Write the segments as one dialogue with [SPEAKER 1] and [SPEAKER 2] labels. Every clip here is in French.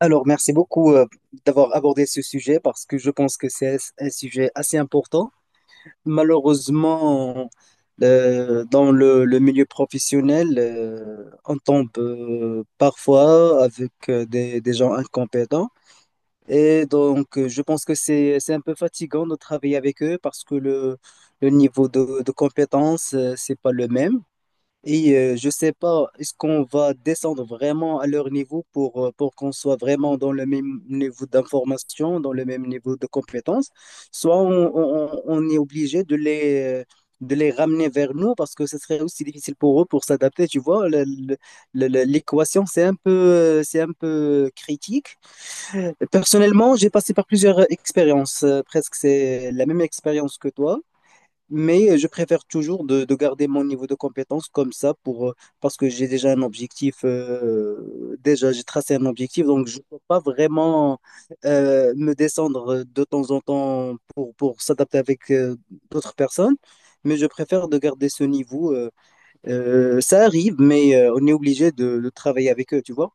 [SPEAKER 1] Alors, merci beaucoup d'avoir abordé ce sujet parce que je pense que c'est un sujet assez important. Malheureusement, dans le milieu professionnel, on tombe parfois avec des gens incompétents. Et donc, je pense que c'est un peu fatigant de travailler avec eux parce que le niveau de compétence, c'est pas le même. Et je sais pas, est-ce qu'on va descendre vraiment à leur niveau pour qu'on soit vraiment dans le même niveau d'information, dans le même niveau de compétence, soit on est obligé de les ramener vers nous parce que ce serait aussi difficile pour eux pour s'adapter, tu vois. L'équation, c'est un peu critique. Personnellement, j'ai passé par plusieurs expériences, presque c'est la même expérience que toi. Mais je préfère toujours de garder mon niveau de compétence comme ça pour, parce que j'ai déjà un objectif, déjà j'ai tracé un objectif, donc je ne peux pas vraiment me descendre de temps en temps pour s'adapter avec d'autres personnes, mais je préfère de garder ce niveau. Ça arrive, mais on est obligé de travailler avec eux, tu vois.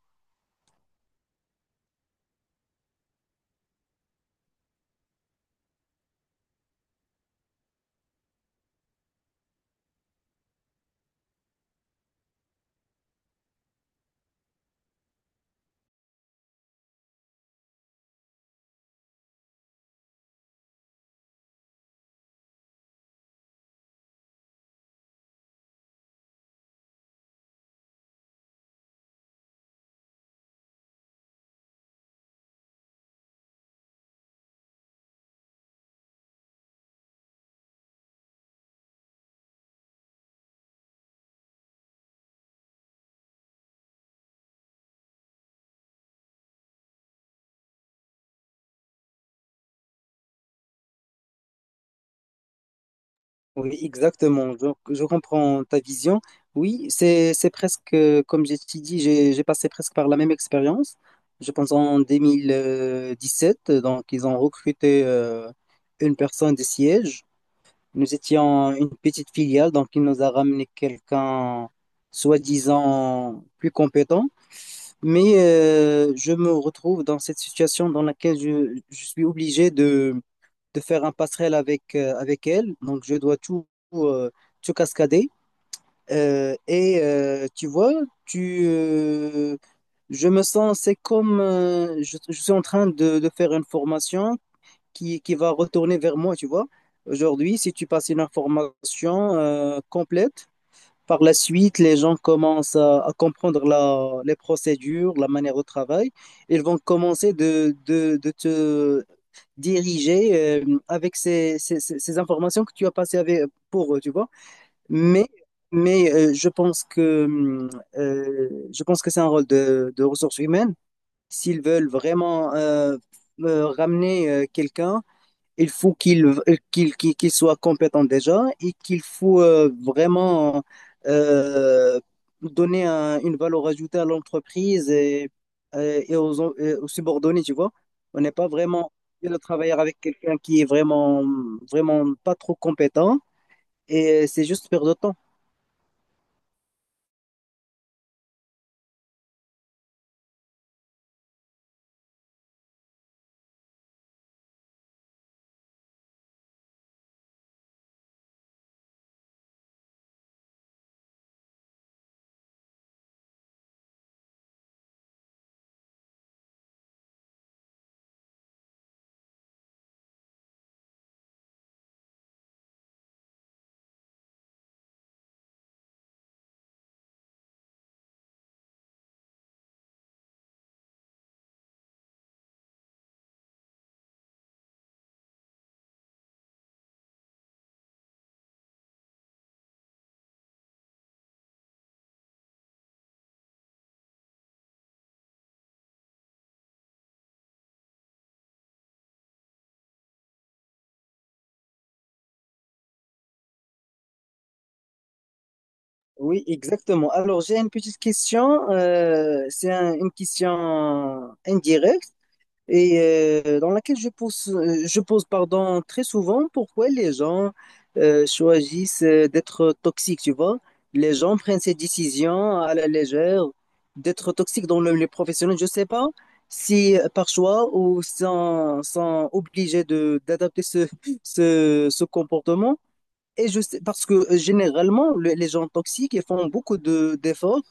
[SPEAKER 1] Oui, exactement. Je comprends ta vision. Oui, c'est presque, comme je t'ai dit, j'ai passé presque par la même expérience. Je pense en deux mille dix-sept. Donc ils ont recruté une personne des sièges. Nous étions une petite filiale, donc il nous a ramené quelqu'un soi-disant plus compétent. Mais je me retrouve dans cette situation dans laquelle je suis obligé de faire un passerelle avec, avec elle. Donc je dois tout, euh, tout cascader. Et tu vois, tu, euh, je me sens, c'est comme je suis en train de faire une formation qui va retourner vers moi, tu vois. Aujourd'hui, si tu passes une information complète, par la suite, les gens commencent à comprendre les procédures, la manière de travail. Ils vont commencer de te diriger avec ces informations que tu as passées avec, pour eux, tu vois. Mais, mais je pense que c'est un rôle de ressources humaines. S'ils veulent vraiment ramener quelqu'un, il faut qu'il soit compétent déjà et qu'il faut vraiment euh, donner une valeur ajoutée à l'entreprise et aux, et aux subordonnés, tu vois. On n'est pas vraiment obligé de travailler avec quelqu'un qui est vraiment pas trop compétent et c'est juste perdre de temps. Oui, exactement. Alors, j'ai une petite question. C'est une question indirecte. Et dans laquelle je pose pardon, très souvent pourquoi les gens choisissent d'être toxiques, tu vois. Les gens prennent ces décisions à la légère d'être toxiques dans les professionnels. Je sais pas si par choix ou sans obligés de d'adapter ce comportement. Et je sais, parce que généralement, les gens toxiques, ils font beaucoup de, d'efforts.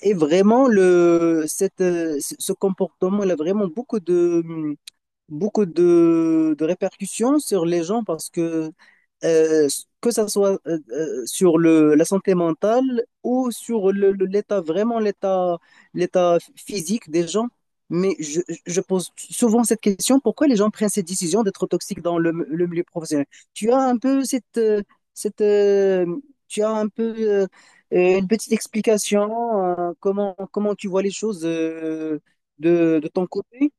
[SPEAKER 1] Et vraiment, le, cette, ce ce comportement, il a vraiment beaucoup de répercussions sur les gens parce euh, que ça soit sur la santé mentale ou sur l'état, vraiment l'état physique des gens. Mais je pose souvent cette question, pourquoi les gens prennent cette décision d'être toxiques dans le milieu professionnel? Tu as un peu cette, euh, tu as un peu une petite explication, comment tu vois les choses de ton côté?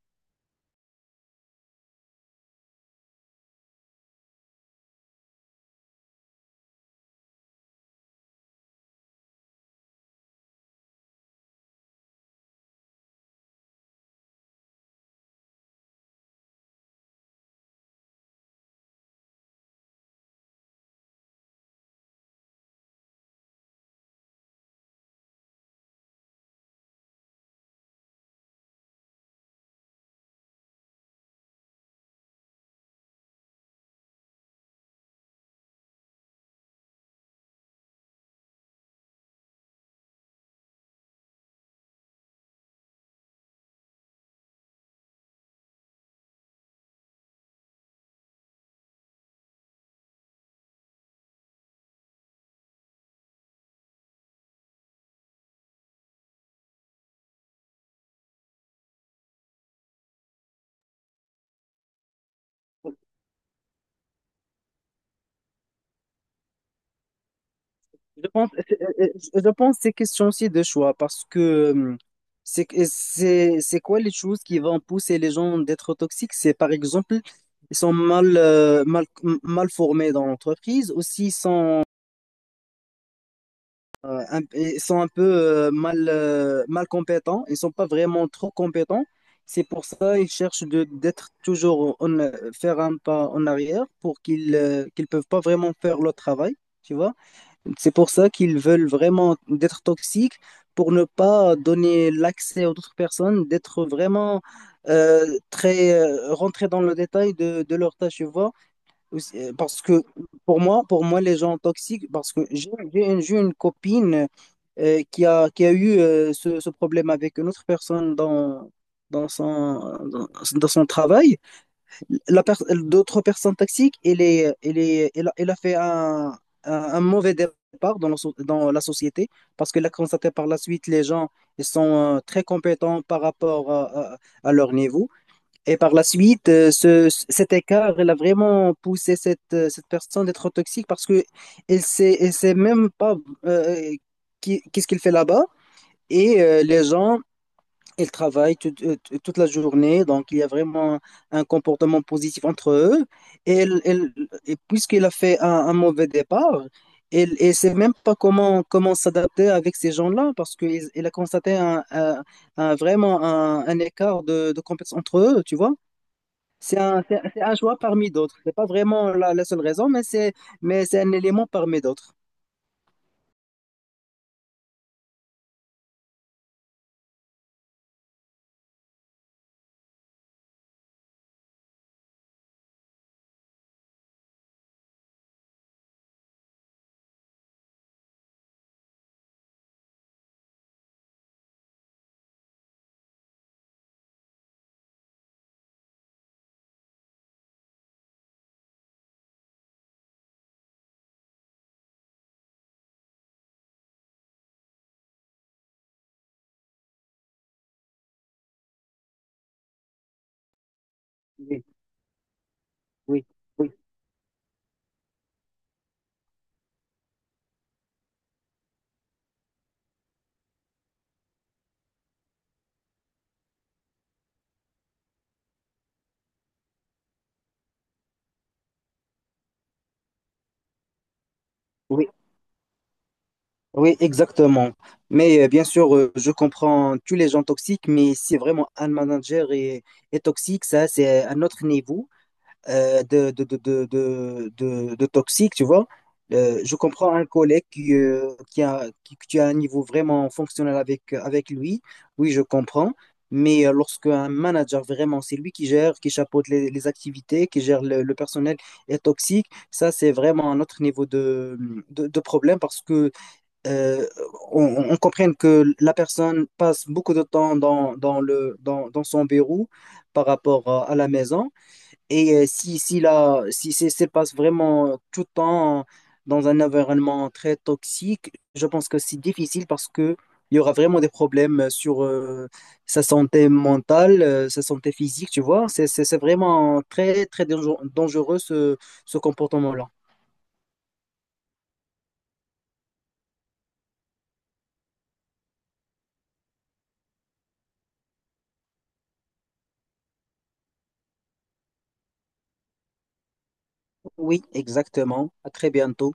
[SPEAKER 1] Je pense que c'est question aussi de choix parce que euh, c'est quoi les choses qui vont pousser les gens d'être toxiques? C'est par exemple, ils sont mal formés dans l'entreprise, aussi ils sont ils sont un peu mal compétents, ils sont pas vraiment trop compétents. C'est pour ça ils cherchent de d'être toujours faire un pas en arrière pour qu'ils qu'ils peuvent pas vraiment faire leur travail, tu vois? C'est pour ça qu'ils veulent vraiment d'être toxiques pour ne pas donner l'accès aux autres personnes, d'être vraiment euh, très rentrés dans le détail de leur tâche, tu vois. Aussi, parce que pour moi, les gens toxiques, parce que j'ai une copine qui a eu ce problème avec une autre personne dans, dans dans son travail. La per- D'autres personnes toxiques, elle a fait un mauvais départ dans dans la société parce qu'elle a constaté par la suite les gens ils sont très compétents par rapport à leur niveau. Et par la suite, cet écart, elle a vraiment poussé cette personne d'être toxique parce que elle sait même pas euh, qu'est-ce qu'il fait là-bas. Et les gens ils travaillent toute la journée, donc il y a vraiment un comportement positif entre eux. Et, et puisqu'il a fait un mauvais départ, elle ne sait même pas comment s'adapter avec ces gens-là, parce qu'il a constaté vraiment un écart de compétences entre eux, tu vois. C'est un choix parmi d'autres. C'est pas vraiment la seule raison, mais c'est un élément parmi d'autres. Oui, oui, oui, oui. Oui, exactement. Mais bien sûr, je comprends tous les gens toxiques, mais si vraiment un manager est toxique, ça, c'est un autre niveau de toxique, tu vois. Je comprends un collègue qui, qui a un niveau vraiment fonctionnel avec, avec lui. Oui, je comprends. Mais lorsque un manager, vraiment, c'est lui qui gère, qui chapeaute les activités, qui gère le personnel, est toxique, ça, c'est vraiment un autre niveau de problème parce que euh, on, on comprenne que la personne passe beaucoup de temps dans, dans dans son bureau par rapport à la maison. Et si, si c'est se passe vraiment tout le temps dans un environnement très toxique, je pense que c'est difficile parce que il y aura vraiment des problèmes sur sa santé mentale, sa santé physique, tu vois. C'est vraiment très, très dangereux dangereux, ce comportement-là. Oui, exactement. À très bientôt.